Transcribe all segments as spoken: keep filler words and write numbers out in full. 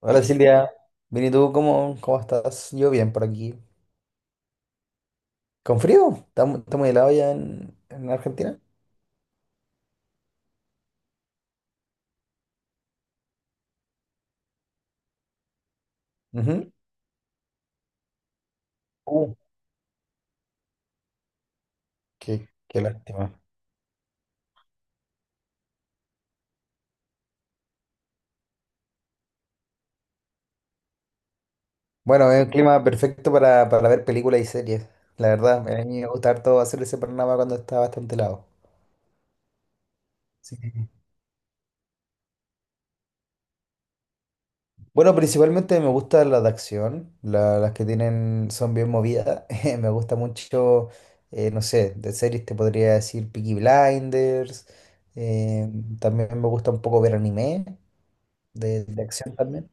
Hola Silvia, bien y tú, ¿cómo, cómo estás? Yo bien por aquí. ¿Con frío? ¿Está, mu- Está muy helado ya en, en Argentina? Ujú. Uh, qué, qué lástima. Bueno, es un clima perfecto para, para ver películas y series. La verdad, me- a mí me gusta harto hacer ese panorama cuando está bastante helado. Sí. Bueno, principalmente me gustan las de acción, la- las que tienen, son bien movidas. Eh, Me gusta mucho, eh, no sé, de series te podría decir Peaky Blinders. eh, También me gusta un poco ver anime. de, de acción también.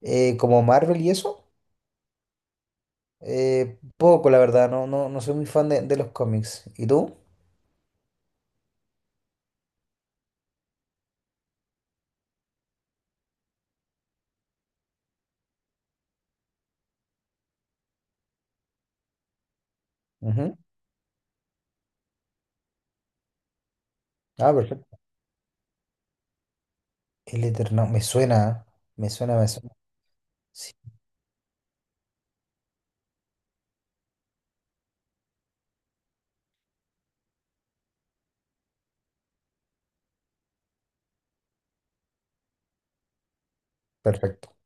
Eh, como Marvel y eso, eh, poco la verdad, no, no, no soy muy fan de, de los cómics. ¿Y tú? Ujú. Ah, perfecto. El Eterno, me suena, ¿eh? Me suena, me suena. Sí, perfecto.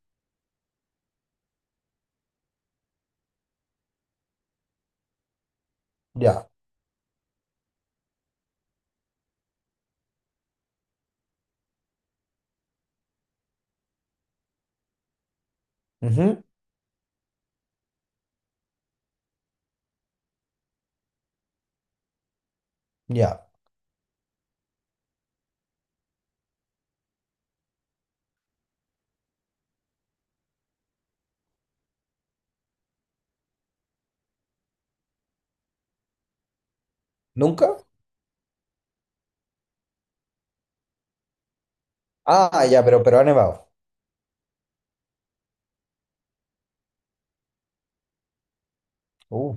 Ya. Ujú, ya. ¿Nunca? Ah, ya, pero, pero ha nevado. Uh,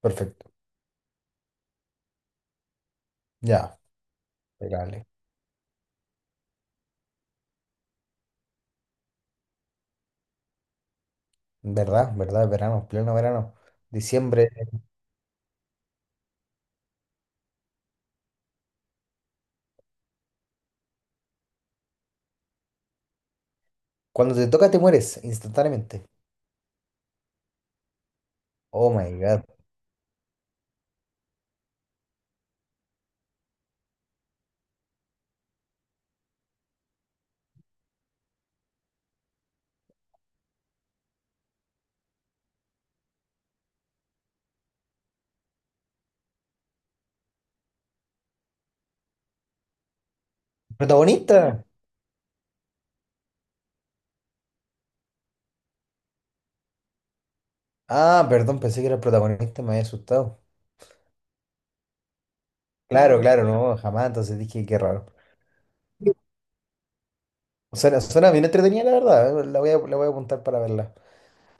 perfecto. Ya. Pegale. ¿Verdad? ¿Verdad? Verano, pleno verano. Diciembre. Cuando te toca te mueres instantáneamente. Oh my God. ¿Protagonista? Ah, perdón, pensé que era el protagonista, me había asustado. Claro, claro, no, jamás. Entonces dije, qué raro. Suena, suena bien entretenida, la verdad. eh, La voy a, la voy a apuntar para verla.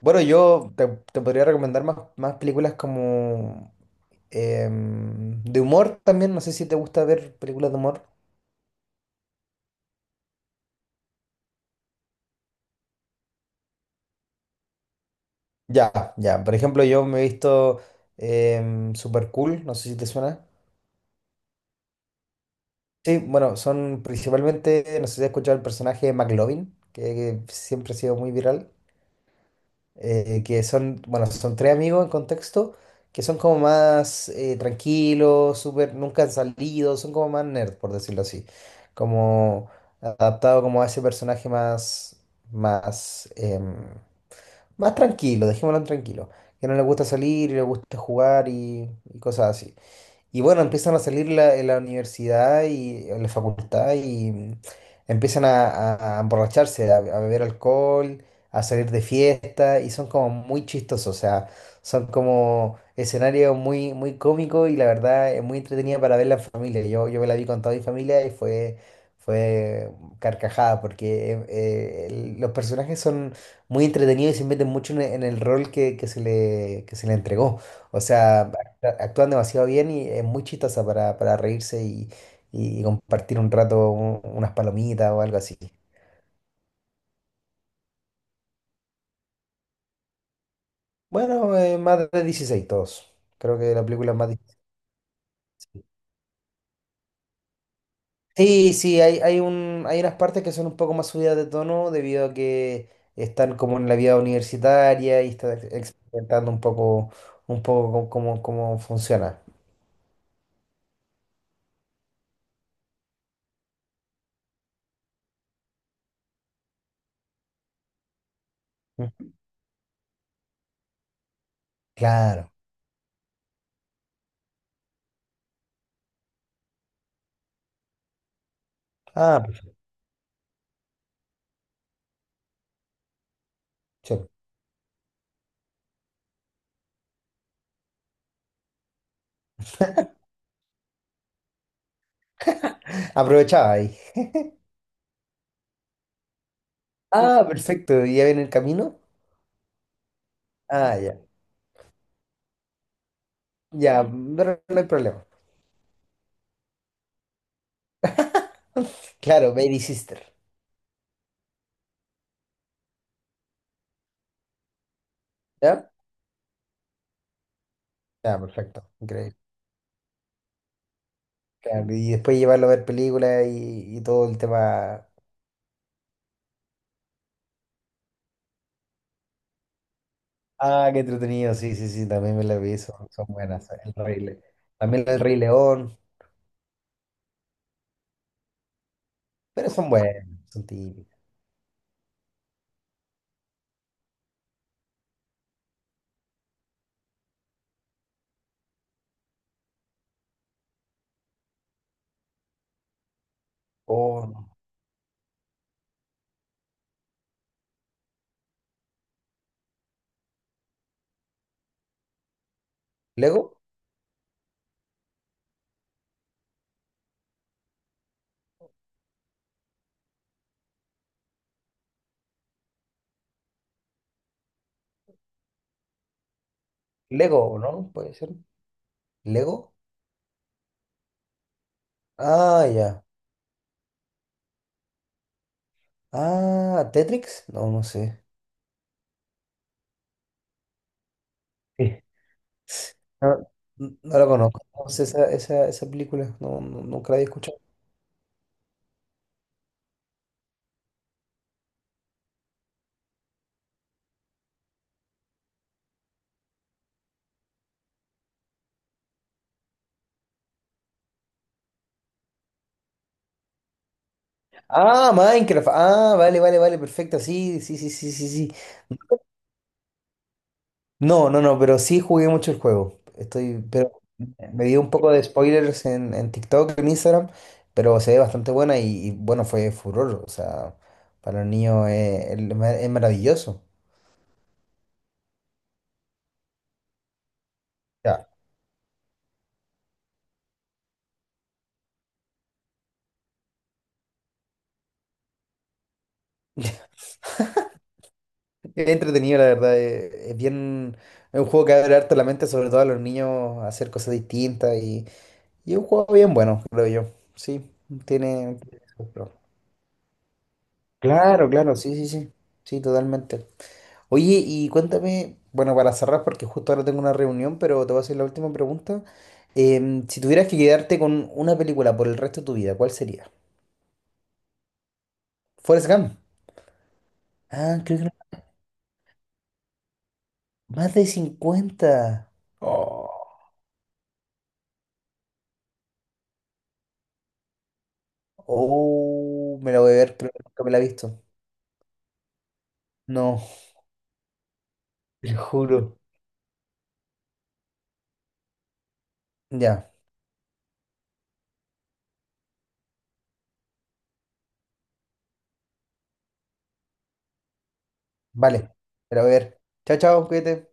Bueno, yo te, te podría recomendar más, más películas como em, de humor también. No sé si te gusta ver películas de humor. Ya, ya. Por ejemplo, yo me he visto em, Super Cool. No sé si te suena. Sí, bueno, son principalmente, no sé si has escuchado el personaje de McLovin, que, que siempre ha sido muy viral. Eh, que son, bueno, son tres amigos en contexto, que son como más eh, tranquilos, súper, nunca han salido, son como más nerd, por decirlo así, como adaptado como a ese personaje más, más, em, más tranquilo, dejémoslo en tranquilo, que no le gusta salir y le gusta jugar y, y cosas así. Y bueno, empiezan a salir la- en la universidad y en la facultad y mm, empiezan a, a- a emborracharse, a, a beber alcohol, a salir de fiesta y son como muy chistosos, o sea, son como escenarios muy, muy cómicos y la verdad es muy entretenida para verla en familia. Yo, yo me la vi con toda mi familia y fue, fue carcajada porque eh, eh, el- los personajes son muy entretenidos y se meten mucho en, en el rol que, que se le, que se le entregó. O sea, claro, actúan demasiado bien y es muy chistosa para, para reírse y, y compartir un rato un- unas palomitas o algo así. Bueno, eh, más de dieciséis todos. Creo que la película es más de dieciséis. Sí, sí, hay, hay un, hay unas partes que son un poco más subidas de tono debido a que están como en la vida universitaria y están ex- experimentando un poco, un poco cómo, cómo- cómo funciona. Mm. Claro. Ah, perfecto. Aprovechaba ahí. Ah, perfecto. ¿Ya viene el camino? Ah, ya. Ya, pero no hay problema. Claro, Baby Sister. ¿Ya? Ya, perfecto. Increíble. Claro, y después llevarlo a ver películas y, y todo el tema. Ah, qué entretenido. Sí, sí, sí, también me la vi. Son, son buenas. El Rey Le- También el Rey León. Pero son buenas, son típicas. Oh, no. ¿Lego? ¿Lego, no? Puede ser. ¿Lego? Ah, ya. Ah, ¿Tetrix? No, no sé. Sí. No, no la conozco. No sé esa, esa, esa película. No, no- nunca la había escuchado. Ah, Minecraft. Ah, vale, vale, vale, perfecto. Sí, sí, sí, sí, sí, sí. No, no, no, pero sí jugué mucho el juego. Estoy, pero me dio un poco de spoilers en, en TikTok, en Instagram, pero se ve bastante buena y, y, bueno, fue furor. O sea, para los niños es, es ma- es maravilloso. Ya. Es entretenido, la verdad. Es, es bien, es un juego que abre harto la mente, sobre todo a los niños, a hacer cosas distintas y, y es un juego bien bueno, creo yo. Sí, tiene... Claro, claro, sí, sí, sí, sí, totalmente. Oye, y cuéntame, bueno, para cerrar, porque justo ahora tengo una reunión, pero te voy a hacer la última pregunta. Em, si tuvieras que quedarte con una película por el resto de tu vida, ¿cuál sería? Forrest Gump. Ah, creo que no- más de cincuenta. Oh, oh, me la voy a ver, pero nunca me la he visto. No, te lo juro. Ya, vale, me la voy a ver. Chao, chao, cuídate.